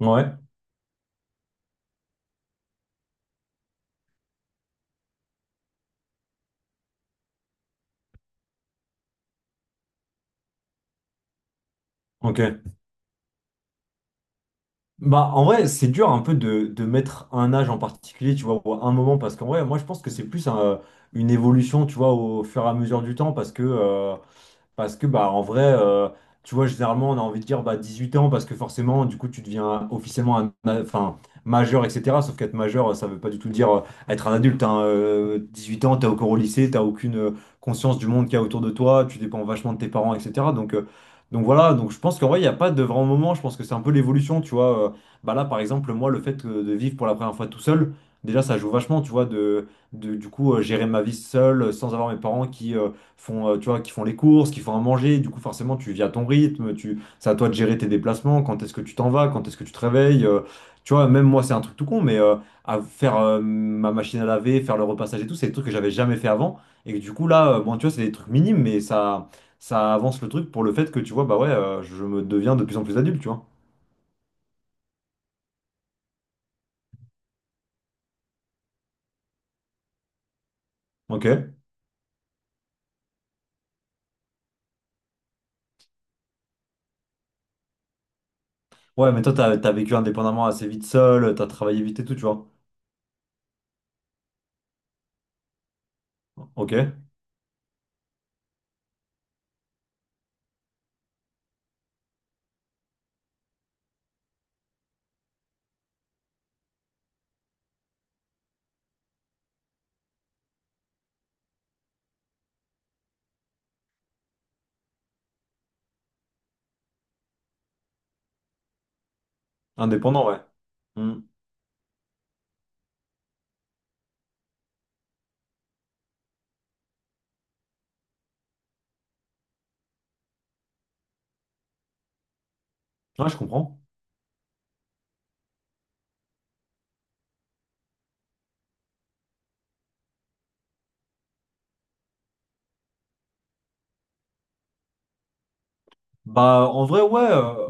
Ouais, ok. Bah, en vrai, c'est dur un peu de mettre un âge en particulier, tu vois, ou un moment, parce qu'en vrai, moi, je pense que c'est plus une évolution, tu vois, au fur et à mesure du temps. Parce que, bah, en vrai, tu vois, généralement, on a envie de dire bah, 18 ans parce que forcément, du coup, tu deviens officiellement un, enfin, majeur, etc. Sauf qu'être majeur, ça veut pas du tout dire être un adulte, hein. 18 ans, t'es encore au lycée, t'as aucune conscience du monde qu'il y a autour de toi, tu dépends vachement de tes parents, etc. Donc, voilà, donc je pense qu'en vrai, il n'y a pas de grand moment. Je pense que c'est un peu l'évolution, tu vois. Bah là, par exemple, moi, le fait de vivre pour la première fois tout seul, déjà, ça joue vachement, tu vois, gérer ma vie seule sans avoir mes parents qui font, tu vois, qui font les courses, qui font à manger. Du coup, forcément, tu vis à ton rythme. Tu, c'est à toi de gérer tes déplacements. Quand est-ce que tu t'en vas? Quand est-ce que tu te réveilles? Tu vois, même moi, c'est un truc tout con, mais à faire ma machine à laver, faire le repassage et tout, c'est des trucs que j'avais jamais fait avant. Et que du coup, là, bon, tu vois, c'est des trucs minimes, mais ça avance le truc pour le fait que tu vois, bah ouais, je me deviens de plus en plus adulte, tu vois. Ok. Ouais, mais toi, t'as vécu indépendamment assez vite seul, t'as travaillé vite et tout, tu vois. Ok. Indépendant, ouais. Hmm. Ouais, je comprends. Bah, en vrai, ouais,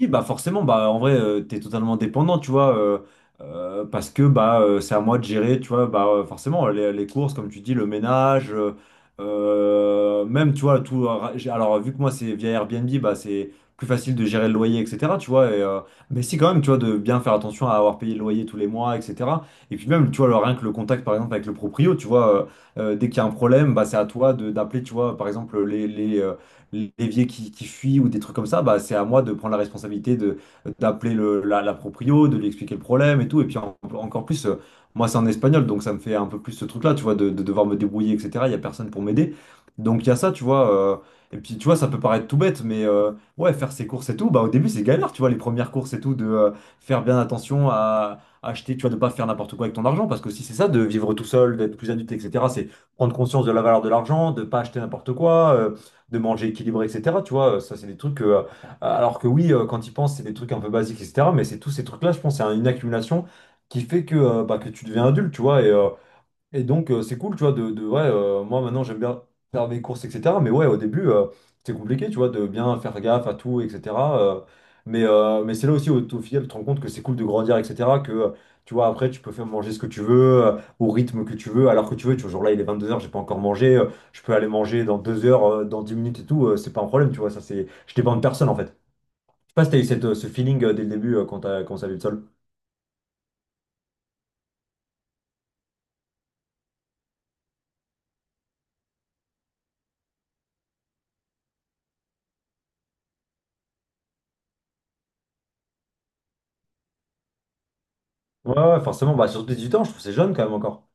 oui, bah forcément, bah en vrai, t'es totalement dépendant, tu vois, parce que bah c'est à moi de gérer, tu vois, bah forcément les courses, comme tu dis, le ménage, même tu vois tout. Alors vu que moi c'est via Airbnb, bah c'est plus facile de gérer le loyer, etc. Tu vois, et, mais si quand même, tu vois, de bien faire attention à avoir payé le loyer tous les mois, etc. Et puis même, tu vois, rien que le contact par exemple avec le proprio, tu vois, dès qu'il y a un problème, bah c'est à toi de d'appeler, tu vois, par exemple les l'évier qui fuit ou des trucs comme ça, bah, c'est à moi de prendre la responsabilité de d'appeler la proprio, de lui expliquer le problème et tout. Et puis encore plus, moi c'est en espagnol, donc ça me fait un peu plus ce truc-là, tu vois, de devoir me débrouiller, etc. Il n'y a personne pour m'aider. Donc il y a ça, tu vois. Et puis tu vois, ça peut paraître tout bête, mais ouais, faire ses courses et tout, bah au début c'est galère, tu vois, les premières courses et tout, de faire bien attention à acheter, tu vois, de pas faire n'importe quoi avec ton argent, parce que si c'est ça, de vivre tout seul, d'être plus adulte, etc., c'est prendre conscience de la valeur de l'argent, de pas acheter n'importe quoi, de manger équilibré, etc. Tu vois, ça, c'est des trucs que, alors que oui, quand ils pensent, c'est des trucs un peu basiques, etc. Mais c'est tous ces trucs-là, je pense, c'est une accumulation qui fait que, bah, que tu deviens adulte, tu vois. Et donc, c'est cool, tu vois, ouais, moi maintenant j'aime bien faire mes courses, etc. Mais ouais, au début, c'était compliqué, tu vois, de bien faire gaffe à tout, etc. Mais c'est là aussi, au final, tu te rends compte que c'est cool de grandir, etc. Que, tu vois, après, tu peux faire manger ce que tu veux, au rythme que tu veux, alors que tu veux, tu vois, genre là, il est 22 heures, j'ai pas encore mangé, je peux aller manger dans 2 heures, dans 10 minutes et tout, c'est pas un problème, tu vois, ça c'est, je dépends de personne en fait. Je sais pas si t'as eu cette, ce feeling dès le début quand t'as commencé à vivre seul. Ouais, ouais, forcément, bah surtout 18 ans, je trouve que c'est jeune quand même encore.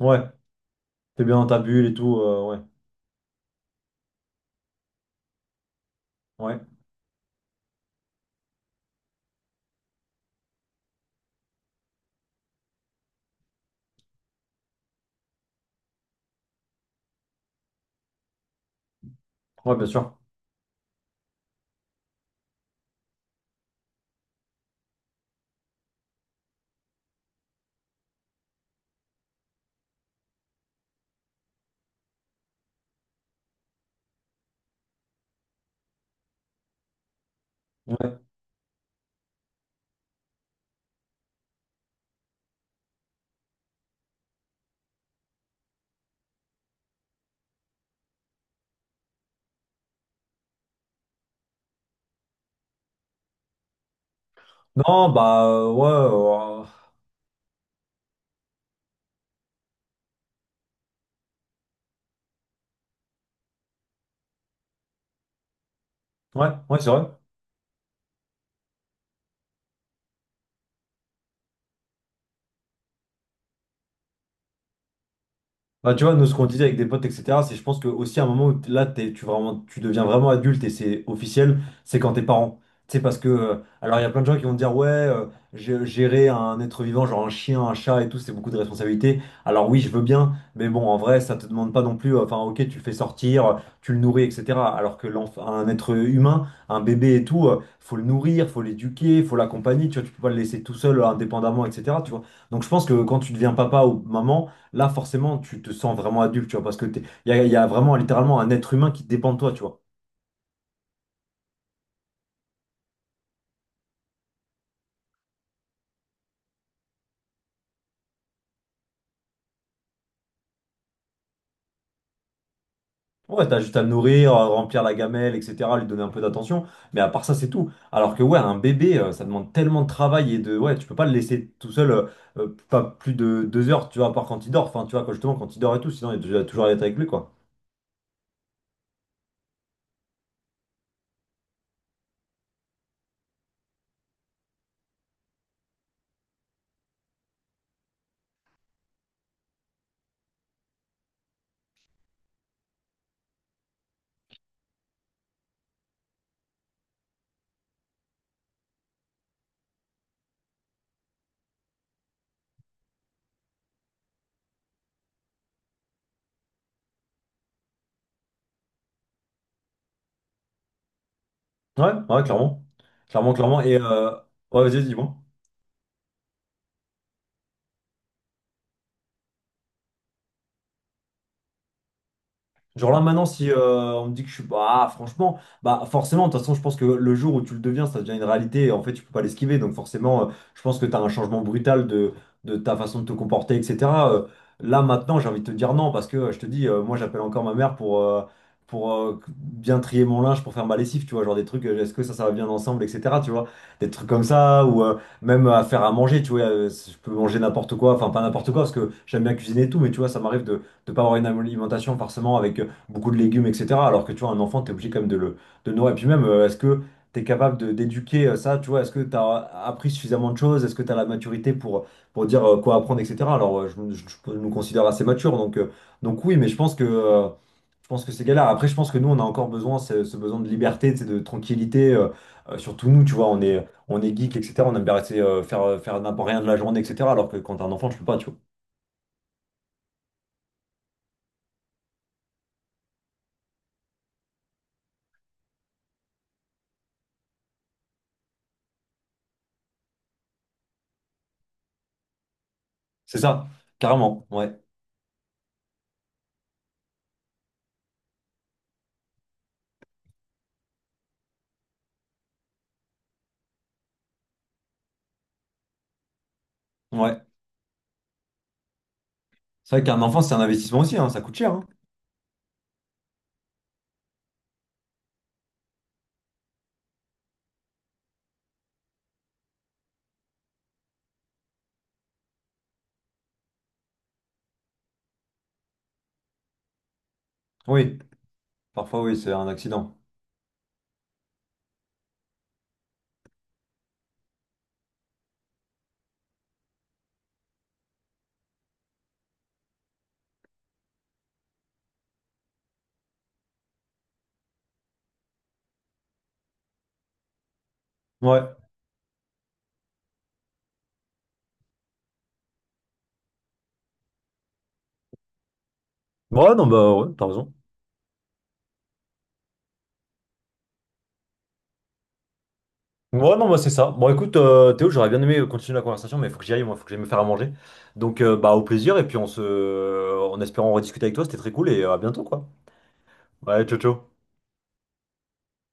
Ouais. T'es bien dans ta bulle et tout, ouais. Ouais, ouais, bien sûr. Ouais. Non, bah, ouais, ouais, ouais, c'est vrai. Bah, tu vois, nous, ce qu'on disait avec des potes, etc., c'est je pense que aussi à un moment où là, vraiment, tu deviens vraiment adulte et c'est officiel, c'est quand t'es parent. Tu sais, parce que, alors il y a plein de gens qui vont te dire, ouais, gérer un être vivant, genre un chien, un chat et tout, c'est beaucoup de responsabilités. Alors oui, je veux bien, mais bon, en vrai, ça te demande pas non plus, enfin, ok, tu le fais sortir, tu le nourris, etc. Alors que l'enfant, un être humain, un bébé et tout, faut le nourrir, faut l'éduquer, faut l'accompagner, tu vois, tu peux pas le laisser tout seul, indépendamment, etc., tu vois. Donc je pense que quand tu deviens papa ou maman, là, forcément, tu te sens vraiment adulte, tu vois, parce que il y a vraiment littéralement un être humain qui dépend de toi, tu vois. Ouais, t'as juste à le nourrir, remplir la gamelle, etc., lui donner un peu d'attention, mais à part ça, c'est tout. Alors que, ouais, un bébé, ça demande tellement de travail et de. Ouais, tu peux pas le laisser tout seul, pas plus de 2 heures, tu vois, à part quand il dort, enfin, tu vois, justement, quand il dort et tout, sinon, il doit toujours être avec lui, quoi. Ouais, ouais, clairement. Clairement, clairement. Et, ouais, vas-y, vas-y, dis-moi. Genre là maintenant si on me dit que je suis bah franchement bah forcément de toute façon je pense que le jour où tu le deviens ça devient une réalité et en fait tu peux pas l'esquiver donc forcément je pense que tu as un changement brutal de ta façon de te comporter etc. Euh, Là maintenant j'ai envie de te dire non parce que je te dis moi j'appelle encore ma mère pour bien trier mon linge pour faire ma lessive tu vois genre des trucs est-ce que ça va bien ensemble etc. tu vois des trucs comme ça ou même à faire à manger tu vois je peux manger n'importe quoi enfin pas n'importe quoi parce que j'aime bien cuisiner et tout mais tu vois ça m'arrive de pas avoir une alimentation forcément avec beaucoup de légumes, etc. Alors que tu vois, un enfant, tu es obligé quand même de le nourrir. Et puis même, est-ce que tu es capable d'éduquer ça, tu vois, est-ce que tu as appris suffisamment de choses, est-ce que tu as la maturité pour, dire quoi apprendre, etc. Alors, je nous considère assez matures, donc oui, mais je pense que c'est galère. Après, je pense que nous, on a encore besoin, ce besoin de liberté, tu sais, de tranquillité, surtout nous, tu vois, on est geek, etc. On aime bien rester, faire n'importe rien de la journée, etc. Alors que quand t'es un enfant, tu peux pas, tu vois. C'est ça, carrément, ouais, ouais. C'est vrai qu'un enfant, c'est un investissement aussi, hein, ça coûte cher, hein. Oui, parfois oui, c'est un accident. Ouais. Ouais, non, bah ouais, t'as raison. Ouais, non, bah c'est ça. Bon, écoute, Théo, j'aurais bien aimé continuer la conversation, mais il faut que j'y aille, moi, il faut que j'aille me faire à manger. Donc, bah, au plaisir, et puis en espérant rediscuter avec toi, c'était très cool, et à bientôt, quoi. Ouais, ciao, ciao.